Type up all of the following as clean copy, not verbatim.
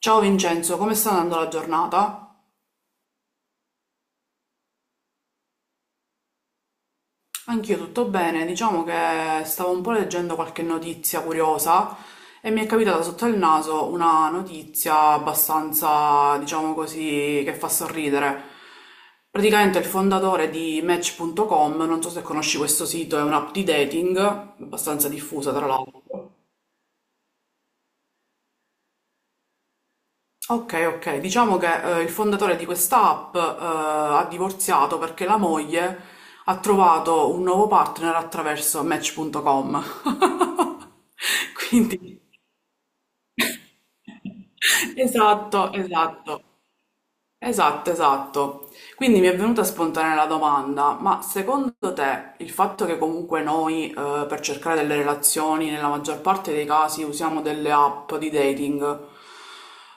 Ciao Vincenzo, come sta andando la giornata? Anch'io tutto bene, diciamo che stavo un po' leggendo qualche notizia curiosa e mi è capitata sotto il naso una notizia abbastanza, diciamo così, che fa sorridere. Praticamente il fondatore di Match.com, non so se conosci questo sito, è un'app di dating, abbastanza diffusa tra l'altro. Ok, ok, diciamo che il fondatore di questa app ha divorziato perché la moglie ha trovato un nuovo partner attraverso Match.com. Quindi, esatto, esatto. Esatto, esatto. Quindi mi è venuta spontanea la domanda, ma secondo te il fatto che comunque noi per cercare delle relazioni nella maggior parte dei casi usiamo delle app di dating,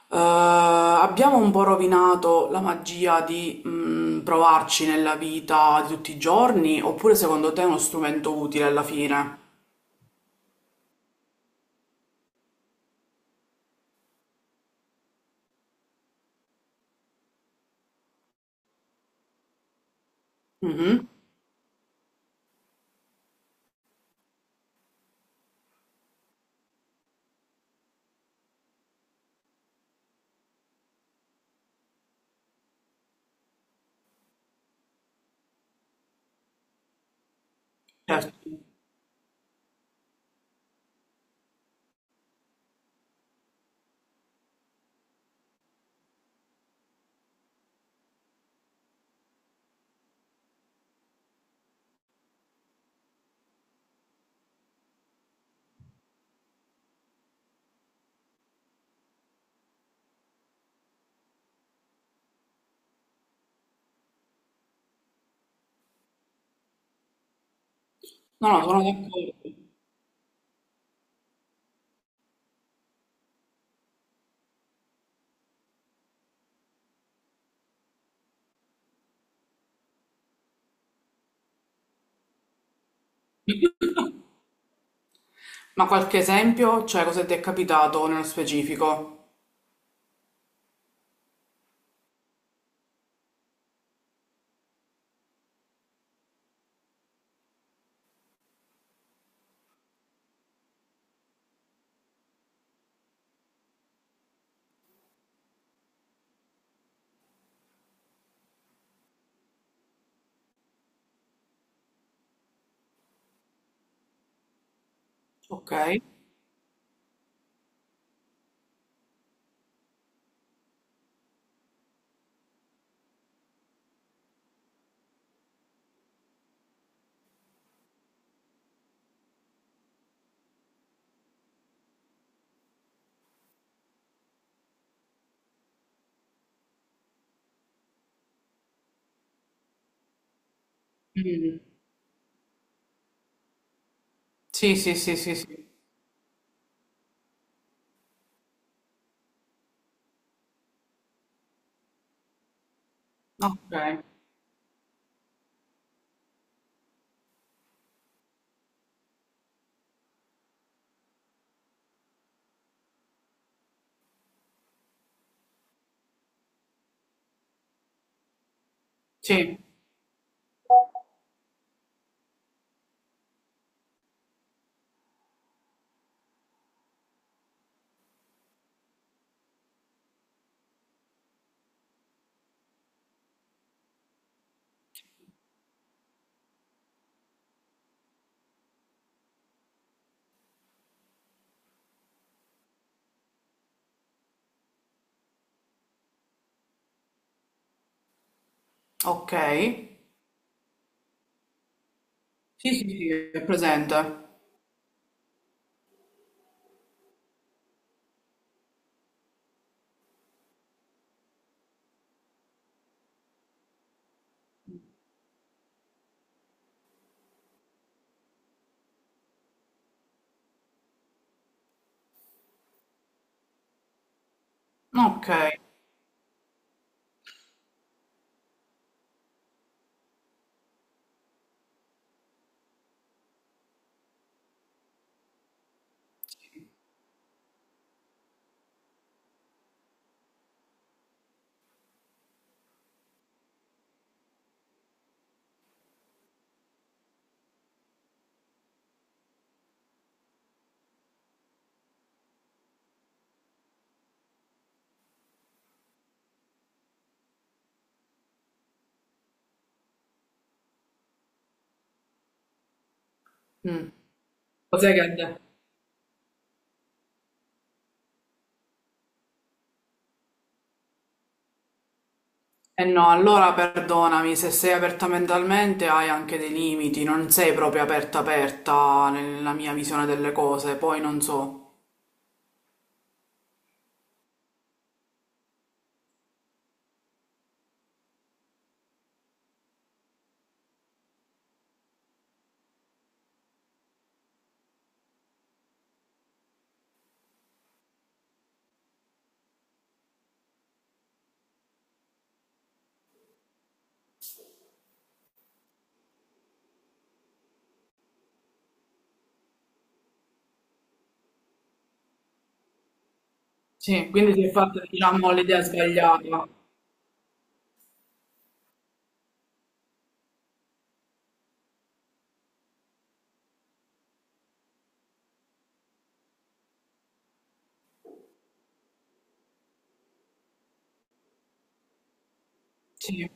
abbiamo un po' rovinato la magia di provarci nella vita di tutti i giorni, oppure secondo te è uno strumento utile alla fine? Mhm, certo. No, no, sono d'accordo. Ma qualche esempio? Cioè, cosa ti è capitato nello specifico? Ok. Mm. Sì, sì, sì, sì, sì. Ok. Sì, ok. Sì, sì, sì, è presente. Ok. Mm. Cos'è che... Eh no, allora perdonami, se sei aperta mentalmente hai anche dei limiti, non sei proprio aperta aperta nella mia visione delle cose, poi non so. Sì, quindi si è fatta, diciamo, l'idea sbagliata. Sì.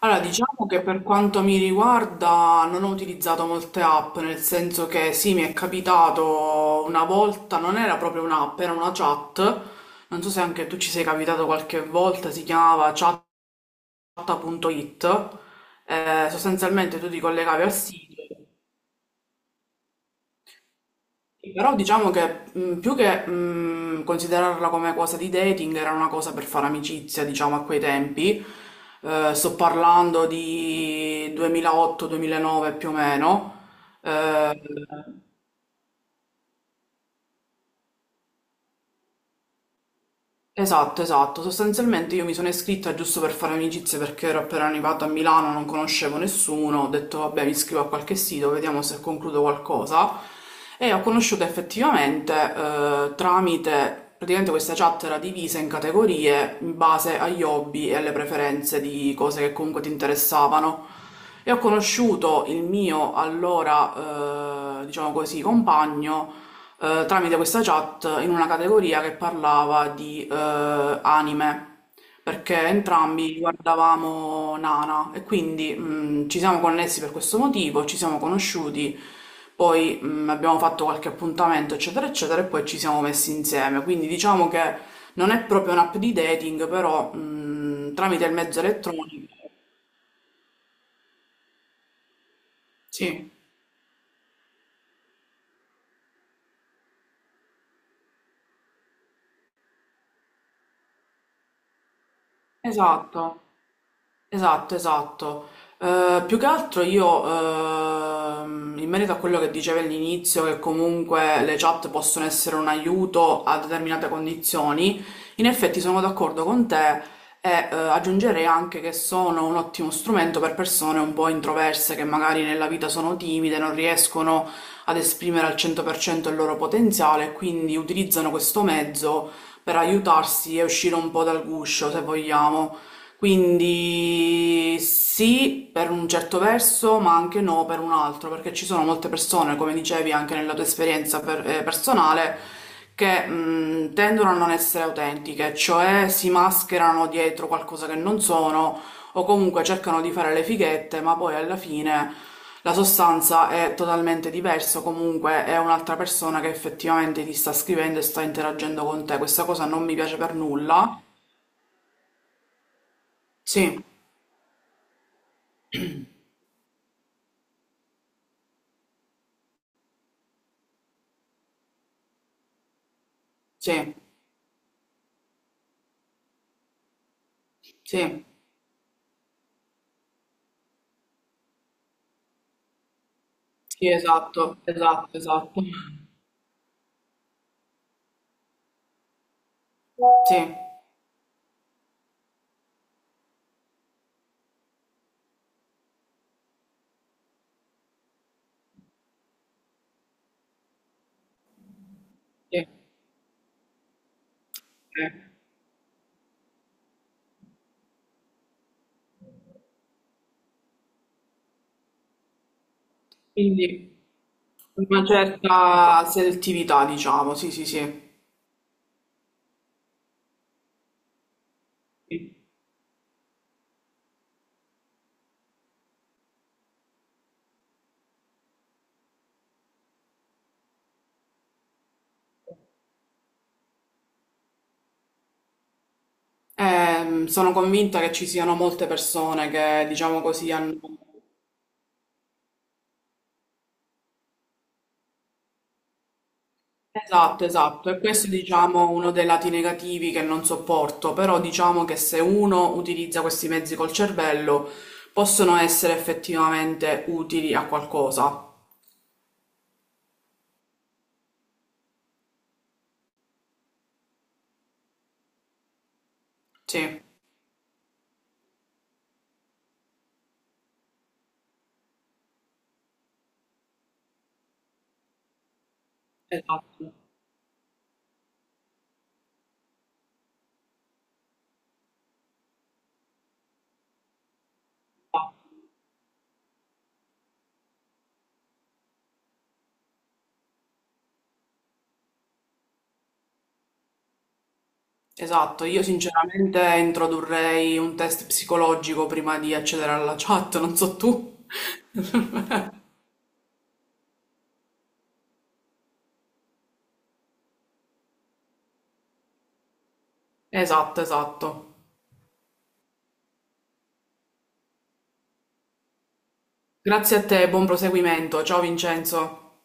Allora, diciamo che per quanto mi riguarda non ho utilizzato molte app, nel senso che sì, mi è capitato una volta, non era proprio un'app, era una chat, non so se anche tu ci sei capitato qualche volta, si chiamava chat.it, sostanzialmente tu ti collegavi al sito. Sì, però diciamo che più che considerarla come cosa di dating era una cosa per fare amicizia, diciamo, a quei tempi. Sto parlando di 2008-2009 più o meno. Eh, Esatto, esatto. Sostanzialmente io mi sono iscritta giusto per fare amicizie perché ero appena arrivata a Milano, non conoscevo nessuno, ho detto vabbè mi iscrivo a qualche sito, vediamo se concludo qualcosa. E ho conosciuto effettivamente tramite, praticamente questa chat era divisa in categorie in base agli hobby e alle preferenze di cose che comunque ti interessavano. E ho conosciuto il mio allora, diciamo così, compagno tramite questa chat in una categoria che parlava di anime, perché entrambi guardavamo Nana e quindi ci siamo connessi per questo motivo, ci siamo conosciuti, poi abbiamo fatto qualche appuntamento, eccetera, eccetera, e poi ci siamo messi insieme. Quindi diciamo che non è proprio un'app di dating, però tramite il mezzo elettronico. Sì, esatto. Esatto, esatto. Più che altro io, in merito a quello che dicevi all'inizio, che comunque le chat possono essere un aiuto a determinate condizioni, in effetti sono d'accordo con te e aggiungerei anche che sono un ottimo strumento per persone un po' introverse che magari nella vita sono timide, non riescono ad esprimere al 100% il loro potenziale, quindi utilizzano questo mezzo per aiutarsi e uscire un po' dal guscio, se vogliamo. Quindi sì, per un certo verso, ma anche no per un altro, perché ci sono molte persone, come dicevi anche nella tua esperienza personale, che tendono a non essere autentiche, cioè si mascherano dietro qualcosa che non sono o comunque cercano di fare le fighette, ma poi alla fine la sostanza è totalmente diversa, o comunque è un'altra persona che effettivamente ti sta scrivendo e sta interagendo con te. Questa cosa non mi piace per nulla. Sì, sì. Sì, sì, esatto, esatto, esatto. Sì, sì, sì. Quindi una certa selettività, diciamo, sì, sì, sì. Sì. Sono convinta che ci siano molte persone che, diciamo così, hanno... Esatto, esatto, e questo è, diciamo, uno dei lati negativi che non sopporto, però diciamo che se uno utilizza questi mezzi col cervello, possono essere effettivamente utili a qualcosa. Sì, esatto. Esatto, io sinceramente introdurrei un test psicologico prima di accedere alla chat, non so tu. Esatto, esatto. Grazie a te, buon proseguimento. Ciao Vincenzo.